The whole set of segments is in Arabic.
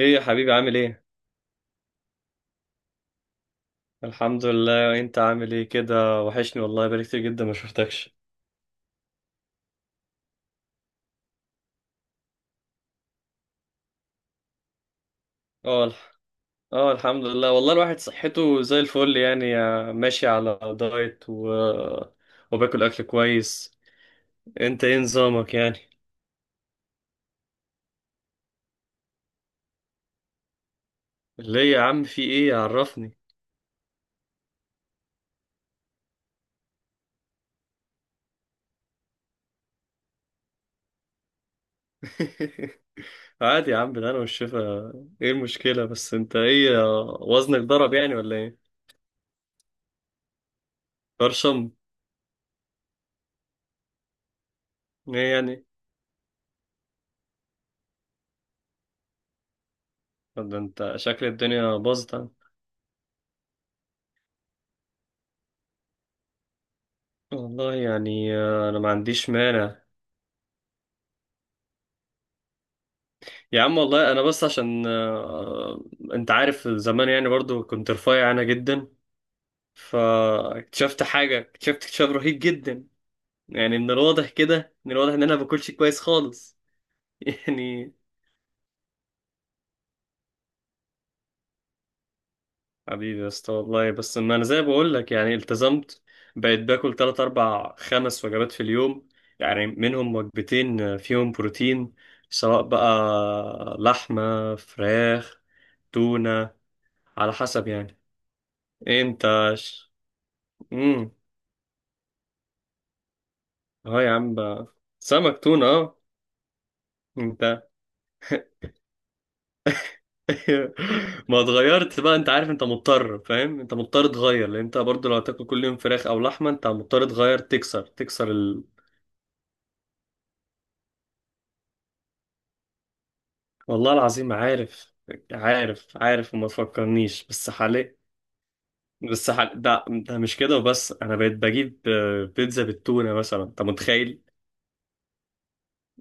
ايه يا حبيبي عامل ايه؟ الحمد لله، انت عامل ايه كده؟ وحشني والله، بقالي كتير جدا ما شفتكش. اه الح- اه الحمد لله، والله الواحد صحته زي الفل يعني، ماشي على دايت وباكل اكل كويس. انت ايه نظامك يعني؟ ليه يا عم، في ايه؟ عرفني. عادي يا عم، ده انا والشفا. ايه المشكلة؟ بس انت ايه، وزنك ضرب يعني ولا ايه؟ برشم؟ ايه يعني؟ طب ده انت شكل الدنيا باظت عندك. والله يعني، انا ما عنديش مانع. يا عم والله، انا بس عشان انت عارف زمان يعني، برضو كنت رفيع انا جدا. فاكتشفت حاجه اكتشفت اكتشاف رهيب جدا، يعني من الواضح كده، من الواضح ان انا ما باكلش كويس خالص. يعني حبيبي يا اسطى، والله بس ما انا زي ما بقول لك يعني التزمت، بقيت باكل 3 4 5 وجبات في اليوم، يعني منهم وجبتين فيهم بروتين، سواء بقى لحمه، فراخ، تونه، على حسب يعني. إيه انت؟ امم. اه يا عم بقى. سمك تونة، اه. انت ما اتغيرت بقى. انت عارف انت مضطر، فاهم؟ انت مضطر تغير، لان انت برضو لو هتاكل كل يوم فراخ او لحمة انت مضطر تغير، تكسر. والله العظيم عارف. عارف وما تفكرنيش. بس حالي ده مش كده وبس. انا بقيت بجيب بيتزا بالتونة مثلا، انت متخيل؟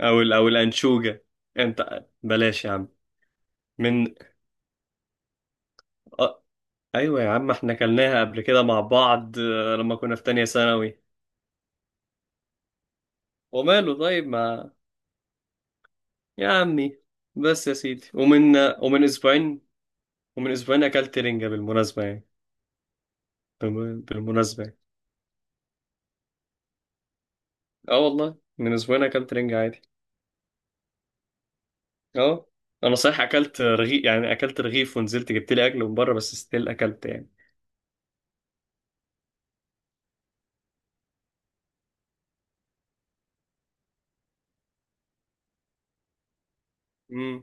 او الانشوجة. انت بلاش يا عم. من. آه. ايوه يا عم، احنا كلناها قبل كده مع بعض، لما كنا في تانية ثانوي. وماله؟ طيب ما. يا عمي، بس يا سيدي. ومن اسبوعين، ومن اسبوعين اكلت رنجة بالمناسبة يعني. بالمناسبة يعني. اه والله، من اسبوعين اكلت رنجة عادي، اه. انا صحيح اكلت رغيف يعني، اكلت رغيف ونزلت جبت لي اكل من بره، بس ستيل اكلت يعني. امم.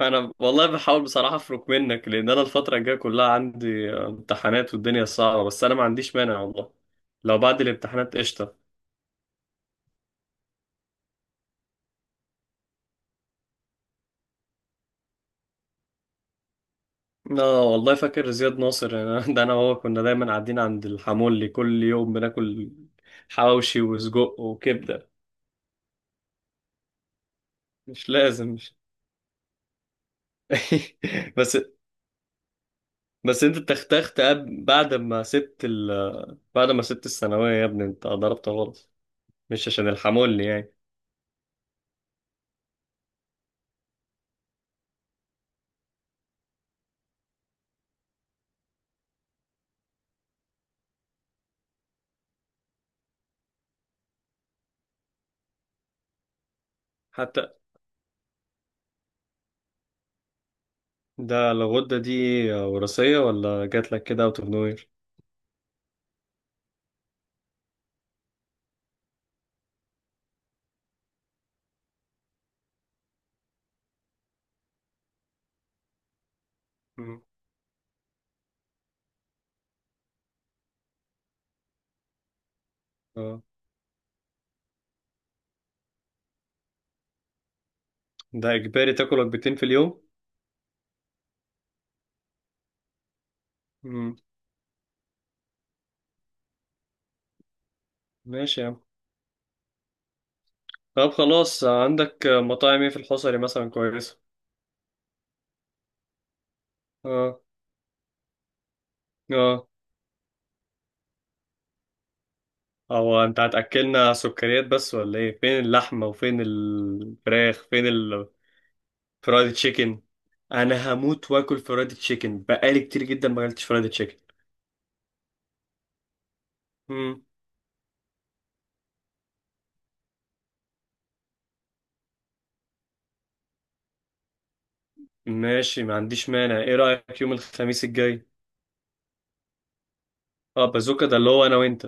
انا والله بحاول بصراحة افرك منك، لان انا الفترة الجاية كلها عندي امتحانات والدنيا صعبة، بس انا ما عنديش مانع والله. لو بعد الامتحانات قشطة. لا والله، فاكر زياد ناصر يعني؟ ده انا وهو كنا دايما قاعدين عند الحمولي كل يوم بناكل حواوشي وسجق وكبده. مش لازم مش بس. بس انت تختخت بعد ما سبت الثانويه يا ابني، انت ضربت غلط، مش عشان الحمولي يعني. حتى. ده الغده دي وراثيه ولا جات لك كده اوت اوف نوير؟ اه، ده اجباري تاكل وجبتين في اليوم؟ مم. ماشي يا عم. طب خلاص، عندك مطاعم ايه في الحصري مثلا كويسه؟ اه. اه. هو انت هتاكلنا سكريات بس ولا ايه؟ فين اللحمه وفين الفراخ؟ فين الفرايد تشيكن؟ انا هموت واكل فرايد تشيكن، بقالي كتير جدا ما اكلتش فرايد تشيكن. مم. ماشي ما عنديش مانع، ايه رايك يوم الخميس الجاي؟ اه، بازوكا ده اللي هو انا وانت.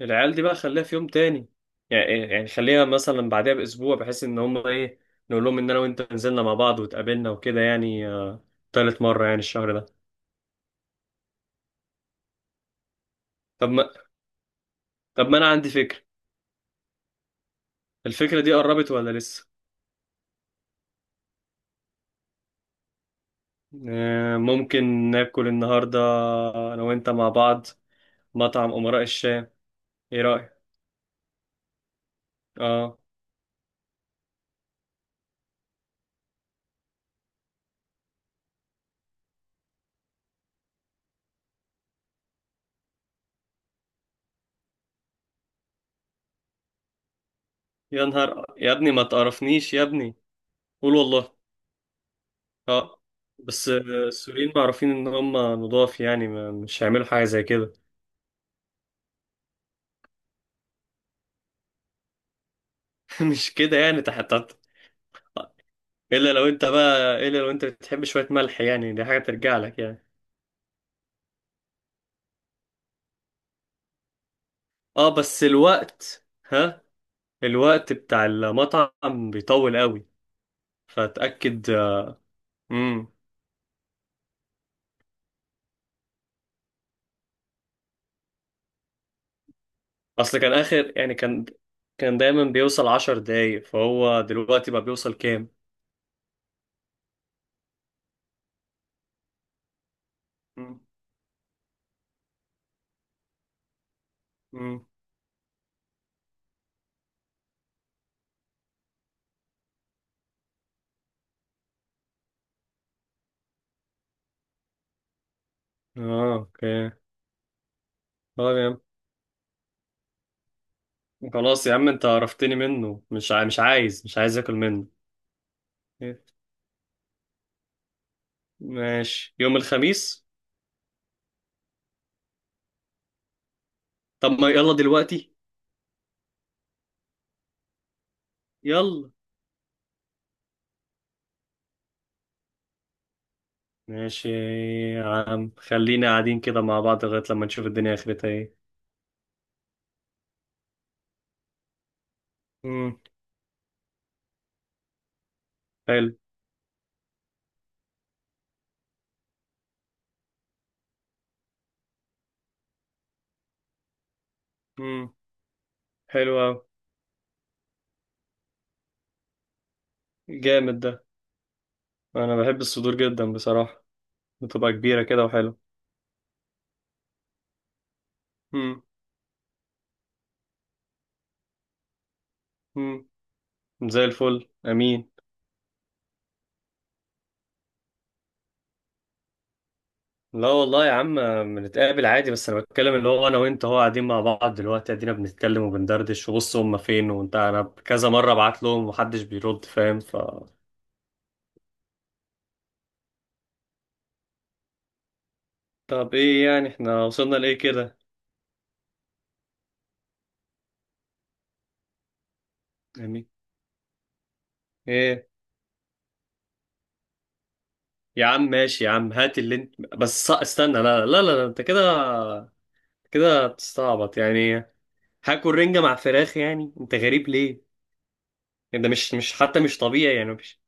العيال دي بقى خليها في يوم تاني، يعني خليها مثلا بعدها باسبوع، بحيث ان هم ايه، نقول لهم ان انا وانت نزلنا مع بعض واتقابلنا وكده يعني، تالت مره يعني الشهر ده. طب ما طب ما انا عندي فكره. الفكرة دي قربت ولا لسه؟ ممكن ناكل النهاردة أنا وأنت مع بعض مطعم أمراء الشام، إيه رأيك؟ آه. يا نهار يا ابني، ما تقرفنيش يا ابني. قول والله. آه. بس السوريين معروفين إن هم نضاف، يعني ما مش هيعملوا حاجة زي كده. مش كده يعني، تحت؟ إلا لو أنت بتحب شوية ملح، يعني دي حاجة ترجع لك يعني. آه، بس الوقت بتاع المطعم بيطول قوي، فتأكد. امم. اصل كان اخر يعني كان دايما بيوصل 10 دقايق، فهو دلوقتي بقى بيوصل كام؟ مم. مم. اه، اوكي. طب يا عم، خلاص يا عم، انت عرفتني منه، مش عايز اكل منه. ماشي يوم الخميس. طب ما يلا دلوقتي. يلا. ماشي يا عم، خلينا قاعدين كده مع بعض لغاية لما نشوف الدنيا اخرتها ايه. مم. حلو. مم. حلو أوي. جامد ده، انا بحب الصدور جدا بصراحة، بتبقى كبيرة كده وحلو. امم. زي الفل، امين. لا والله يا عم، بنتقابل عادي، بس انا بتكلم اللي هو انا وانت هو قاعدين مع بعض دلوقتي، ادينا بنتكلم وبندردش، وبص هم فين؟ وانت انا كذا مره بعت لهم ومحدش بيرد، فاهم؟ طب ايه يعني، احنا وصلنا لايه كده؟ امين. ايه؟ يا عم ماشي يا عم، هات اللي انت، بس استنى، لا لا لا، لا انت كده كده بتستعبط يعني؟ هاكل رنجه مع فراخ يعني، انت غريب ليه؟ ده مش حتى مش طبيعي يعني مش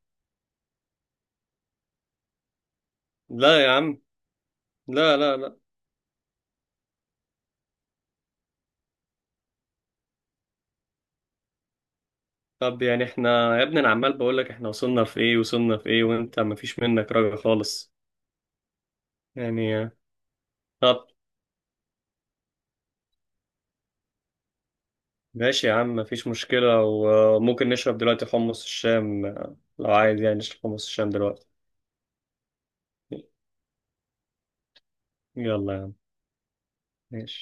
لا يا عم، لا لا لا. طب يعني احنا يا ابني، انا عمال بقول لك احنا وصلنا في ايه، وصلنا في ايه، وانت مفيش منك رجع خالص يعني. طب ماشي يا عم، مفيش مشكلة، وممكن نشرب دلوقتي حمص الشام، لو عايز يعني نشرب حمص الشام دلوقتي. يلا يا عم. ماشي.